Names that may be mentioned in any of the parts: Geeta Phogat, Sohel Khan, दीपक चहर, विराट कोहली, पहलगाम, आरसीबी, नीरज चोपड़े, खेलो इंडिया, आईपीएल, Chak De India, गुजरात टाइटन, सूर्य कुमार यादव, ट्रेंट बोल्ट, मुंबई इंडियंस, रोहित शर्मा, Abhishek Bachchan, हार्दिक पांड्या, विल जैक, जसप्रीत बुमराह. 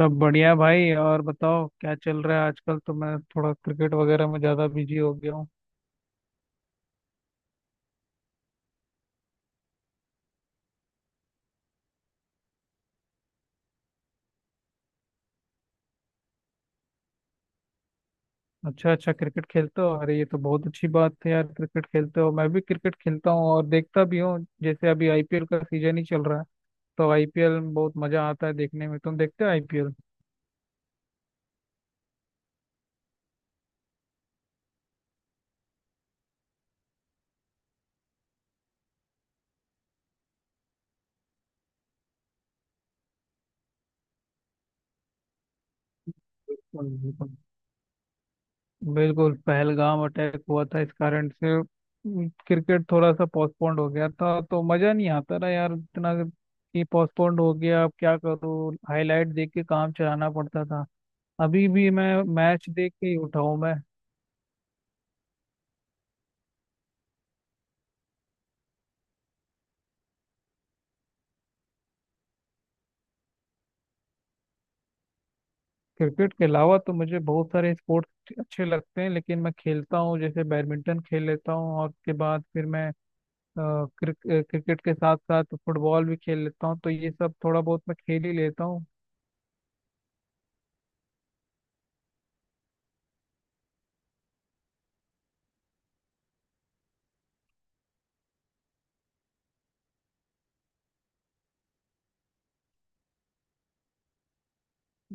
सब बढ़िया भाई। और बताओ क्या चल रहा है आजकल। तो मैं थोड़ा क्रिकेट वगैरह में ज्यादा बिजी हो गया हूँ। अच्छा अच्छा क्रिकेट खेलते हो। अरे ये तो बहुत अच्छी बात है यार। क्रिकेट खेलते हो, मैं भी क्रिकेट खेलता हूँ और देखता भी हूँ। जैसे अभी आईपीएल का सीजन ही चल रहा है तो आईपीएल में बहुत मजा आता है देखने में। तुम देखते हो आईपीएल? बिल्कुल बिल्कुल। बिल्कुल पहलगाम अटैक हुआ था, इस कारण से क्रिकेट थोड़ा सा पोस्टपोन्ड हो गया था। तो मजा नहीं आता ना यार इतना, कि पोस्टपोन्ड हो गया अब क्या करूँ, हाईलाइट देख के काम चलाना पड़ता था। अभी भी मैं मैच देख के ही उठा हूं मैं। क्रिकेट के अलावा तो मुझे बहुत सारे स्पोर्ट्स अच्छे लगते हैं, लेकिन मैं खेलता हूँ जैसे बैडमिंटन खेल लेता हूँ। और उसके बाद फिर मैं अ, क्रिकेट के साथ साथ फुटबॉल भी खेल लेता हूँ। तो ये सब थोड़ा बहुत मैं खेल ही लेता हूँ।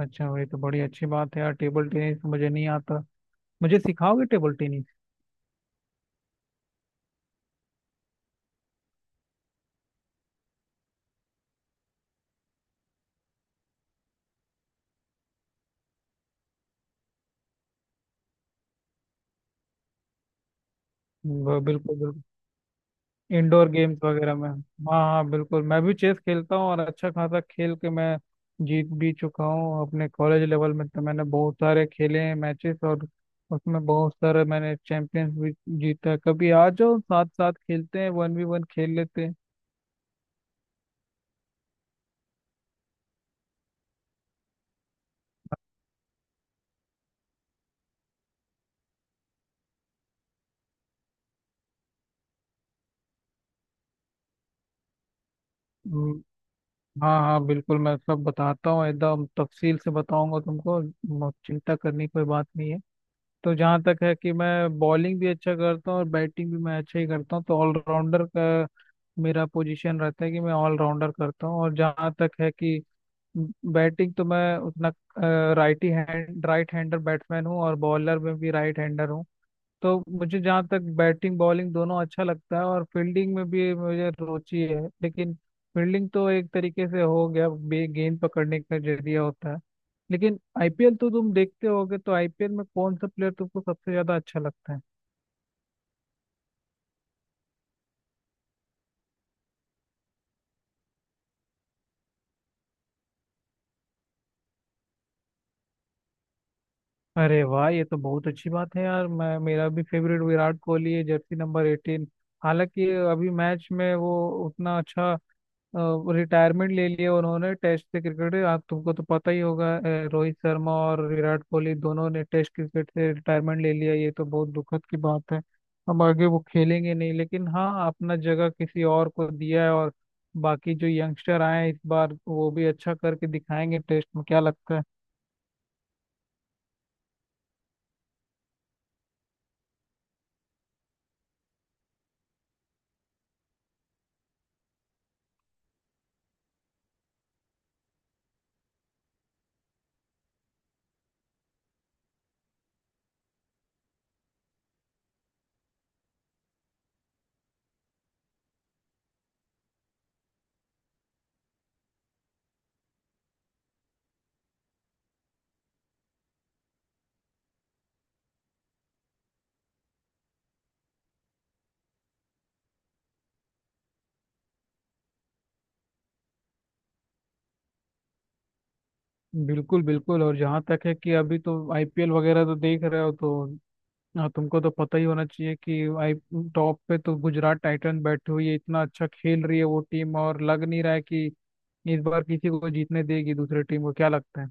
अच्छा ये तो बड़ी अच्छी बात है यार। टेबल टेनिस मुझे नहीं आता, मुझे सिखाओगे टेबल टेनिस? बिल्कुल बिल्कुल। इंडोर गेम्स वगैरह में हाँ हाँ बिल्कुल मैं भी चेस खेलता हूँ, और अच्छा खासा खेल के मैं जीत भी चुका हूँ अपने कॉलेज लेवल में। तो मैंने बहुत सारे खेले हैं मैचेस, और उसमें बहुत सारे मैंने चैंपियंस भी जीता है। कभी आ जाओ साथ साथ खेलते हैं, वन वी वन खेल लेते हैं। हम्म। हाँ हाँ बिल्कुल मैं सब बताता हूँ, एकदम तफसील से बताऊंगा तुमको, चिंता करने की कोई बात नहीं है। तो जहाँ तक है कि मैं बॉलिंग भी अच्छा करता हूँ और बैटिंग भी मैं अच्छा ही करता हूँ। तो ऑलराउंडर का मेरा पोजीशन रहता है कि मैं ऑलराउंडर करता हूँ। और जहाँ तक है कि बैटिंग तो मैं उतना righty hand right hander batsman हूँ, और बॉलर में भी राइट हैंडर हूँ। तो मुझे जहाँ तक बैटिंग बॉलिंग दोनों अच्छा लगता है, और फील्डिंग में भी मुझे रुचि है। लेकिन फील्डिंग तो एक तरीके से हो गया बे, गेंद पकड़ने का जरिया होता है। लेकिन आईपीएल तो तुम देखते होगे, तो आईपीएल में कौन सा प्लेयर तुमको सबसे ज्यादा अच्छा लगता है? अरे वाह ये तो बहुत अच्छी बात है यार। मैं मेरा भी फेवरेट विराट कोहली है, जर्सी नंबर एटीन। हालांकि अभी मैच में वो उतना अच्छा, रिटायरमेंट ले लिए उन्होंने टेस्ट से क्रिकेट। आप तुमको तो पता ही होगा रोहित शर्मा और विराट कोहली दोनों ने टेस्ट क्रिकेट से रिटायरमेंट ले लिया। ये तो बहुत दुखद की बात है, अब आगे वो खेलेंगे नहीं। लेकिन हाँ अपना जगह किसी और को दिया है, और बाकी जो यंगस्टर आए हैं इस बार वो भी अच्छा करके दिखाएंगे टेस्ट में, क्या लगता है? बिल्कुल बिल्कुल। और जहाँ तक है कि अभी तो आईपीएल वगैरह तो देख रहे हो तो हाँ तुमको तो पता ही होना चाहिए कि आई, टॉप पे तो गुजरात टाइटन बैठी हुई है, इतना अच्छा खेल रही है वो टीम। और लग नहीं रहा है कि इस बार किसी को जीतने देगी दूसरी टीम को, क्या लगता है?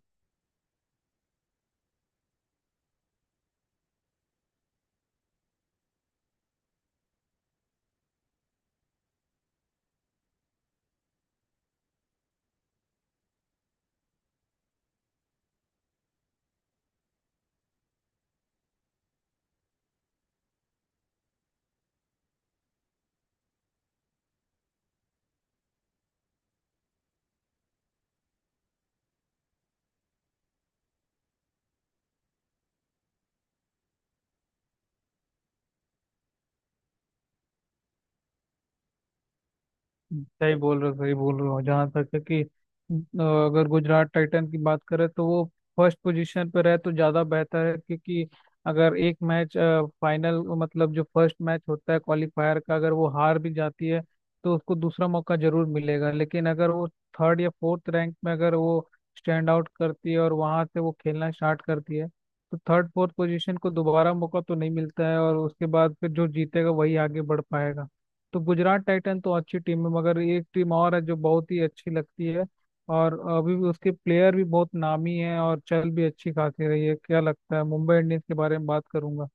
सही बोल रहे हो, सही बोल रहे हो। जहाँ तक है कि अगर गुजरात टाइटन की बात करें तो वो फर्स्ट पोजीशन पर रहे तो ज़्यादा बेहतर है। क्योंकि अगर एक मैच, फाइनल मतलब जो फर्स्ट मैच होता है क्वालिफायर का, अगर वो हार भी जाती है तो उसको दूसरा मौका जरूर मिलेगा। लेकिन अगर वो थर्ड या फोर्थ रैंक में अगर वो स्टैंड आउट करती है और वहाँ से वो खेलना स्टार्ट करती है, तो थर्ड फोर्थ पोजीशन को दोबारा मौका तो नहीं मिलता है। और उसके बाद फिर जो जीतेगा वही आगे बढ़ पाएगा। तो गुजरात टाइटन तो अच्छी टीम है, मगर एक टीम और है जो बहुत ही अच्छी लगती है। और अभी भी उसके प्लेयर भी बहुत नामी हैं और चल भी अच्छी खासी रही है। क्या लगता है, मुंबई इंडियंस के बारे में बात करूंगा।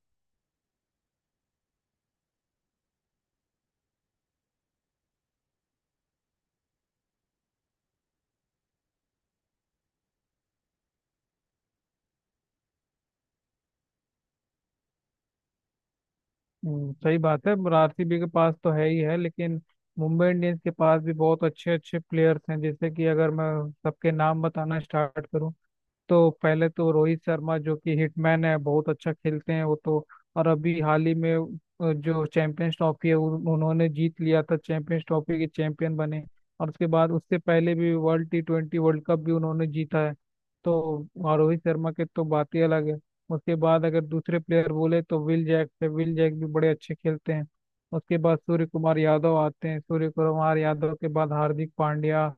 हम्म। सही बात है, आरसीबी के पास तो है ही है लेकिन मुंबई इंडियंस के पास भी बहुत अच्छे अच्छे प्लेयर्स हैं। जैसे कि अगर मैं सबके नाम बताना स्टार्ट करूं तो पहले तो रोहित शर्मा, जो कि हिटमैन है, बहुत अच्छा खेलते हैं वो तो। और अभी हाल ही में जो चैंपियंस ट्रॉफी है उन्होंने जीत लिया था, चैंपियंस ट्रॉफी के चैंपियन बने। और उसके बाद, उससे पहले भी world T twenty world cup भी उन्होंने जीता है। तो और रोहित शर्मा के तो बात ही अलग है। उसके बाद अगर दूसरे प्लेयर बोले तो विल जैक है, विल जैक भी बड़े अच्छे खेलते हैं। उसके बाद सूर्य कुमार यादव आते हैं, सूर्य कुमार यादव के बाद हार्दिक पांड्या।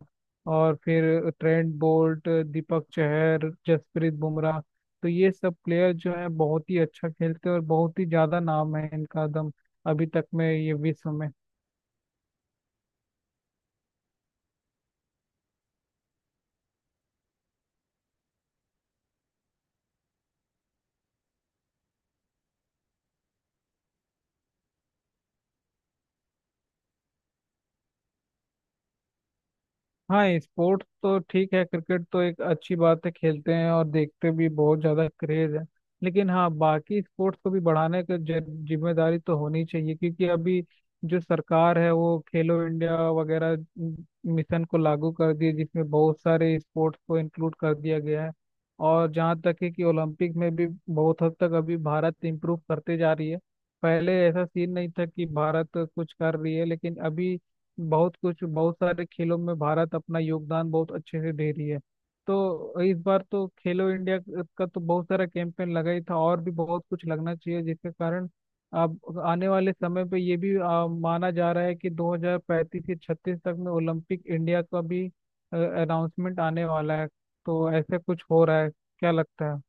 और फिर ट्रेंट बोल्ट, दीपक चहर, जसप्रीत बुमराह। तो ये सब प्लेयर जो है बहुत ही अच्छा खेलते हैं और बहुत ही ज्यादा नाम है इनका दम अभी तक में ये विश्व में। हाँ स्पोर्ट्स तो ठीक है, क्रिकेट तो एक अच्छी बात है, खेलते हैं और देखते भी, बहुत ज़्यादा क्रेज है। लेकिन हाँ बाकी स्पोर्ट्स को भी बढ़ाने की जिम्मेदारी तो होनी चाहिए। क्योंकि अभी जो सरकार है वो खेलो इंडिया वगैरह मिशन को लागू कर दिए, जिसमें बहुत सारे स्पोर्ट्स को इंक्लूड कर दिया गया है। और जहाँ तक है कि ओलंपिक में भी बहुत हद तक अभी भारत इम्प्रूव करते जा रही है। पहले ऐसा सीन नहीं था कि भारत कुछ कर रही है, लेकिन अभी बहुत कुछ, बहुत सारे खेलों में भारत अपना योगदान बहुत अच्छे से दे रही है। तो इस बार तो खेलो इंडिया का तो बहुत सारा कैंपेन लगा ही था, और भी बहुत कुछ लगना चाहिए जिसके कारण अब आने वाले समय पे ये भी माना जा रहा है कि 2035 से 36 तक में ओलंपिक इंडिया का भी अनाउंसमेंट आने वाला है। तो ऐसे कुछ हो रहा है, क्या लगता है?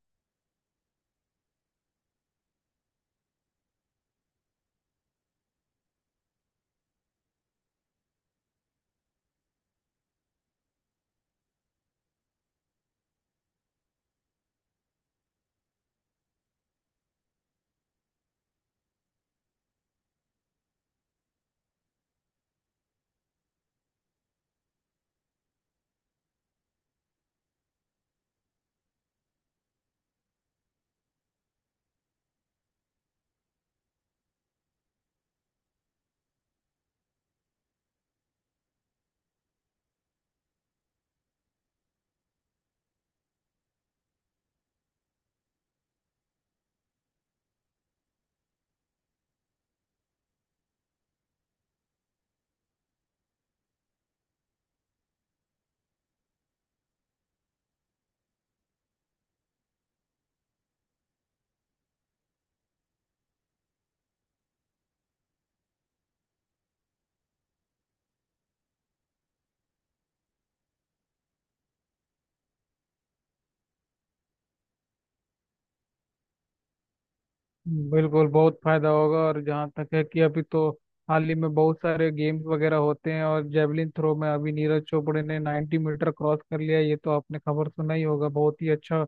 बिल्कुल बहुत फायदा होगा। और जहाँ तक है कि अभी तो हाल ही में बहुत सारे गेम्स वगैरह होते हैं, और जेवलिन थ्रो में अभी नीरज चोपड़े ने 90 मीटर क्रॉस कर लिया, ये तो आपने खबर सुना ही होगा। बहुत ही अच्छा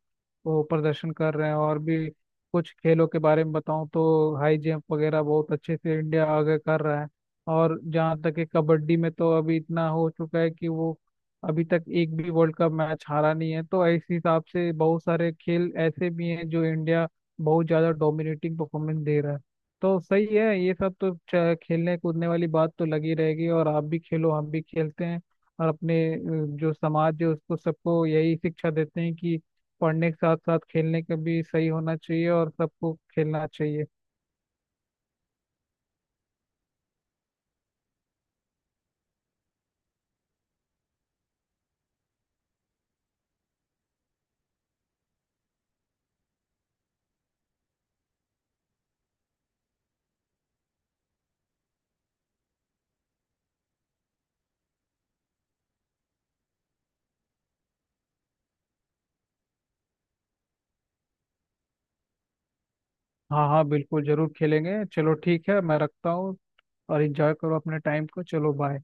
वो प्रदर्शन कर रहे हैं। और भी कुछ खेलों के बारे में बताऊं तो हाई जंप वगैरह बहुत अच्छे से इंडिया आगे कर रहा है। और जहाँ तक है कबड्डी में तो अभी इतना हो चुका है कि वो अभी तक एक भी वर्ल्ड कप मैच हारा नहीं है। तो इस हिसाब से बहुत सारे खेल ऐसे भी हैं जो इंडिया बहुत ज़्यादा डोमिनेटिंग परफॉर्मेंस दे रहा है। तो सही है, ये सब तो खेलने कूदने वाली बात तो लगी रहेगी। और आप भी खेलो, हम भी खेलते हैं और अपने जो समाज है उसको सबको यही शिक्षा देते हैं कि पढ़ने के साथ साथ खेलने का भी सही होना चाहिए और सबको खेलना चाहिए। हाँ हाँ बिल्कुल जरूर खेलेंगे। चलो ठीक है मैं रखता हूँ, और इंजॉय करो अपने टाइम को। चलो बाय।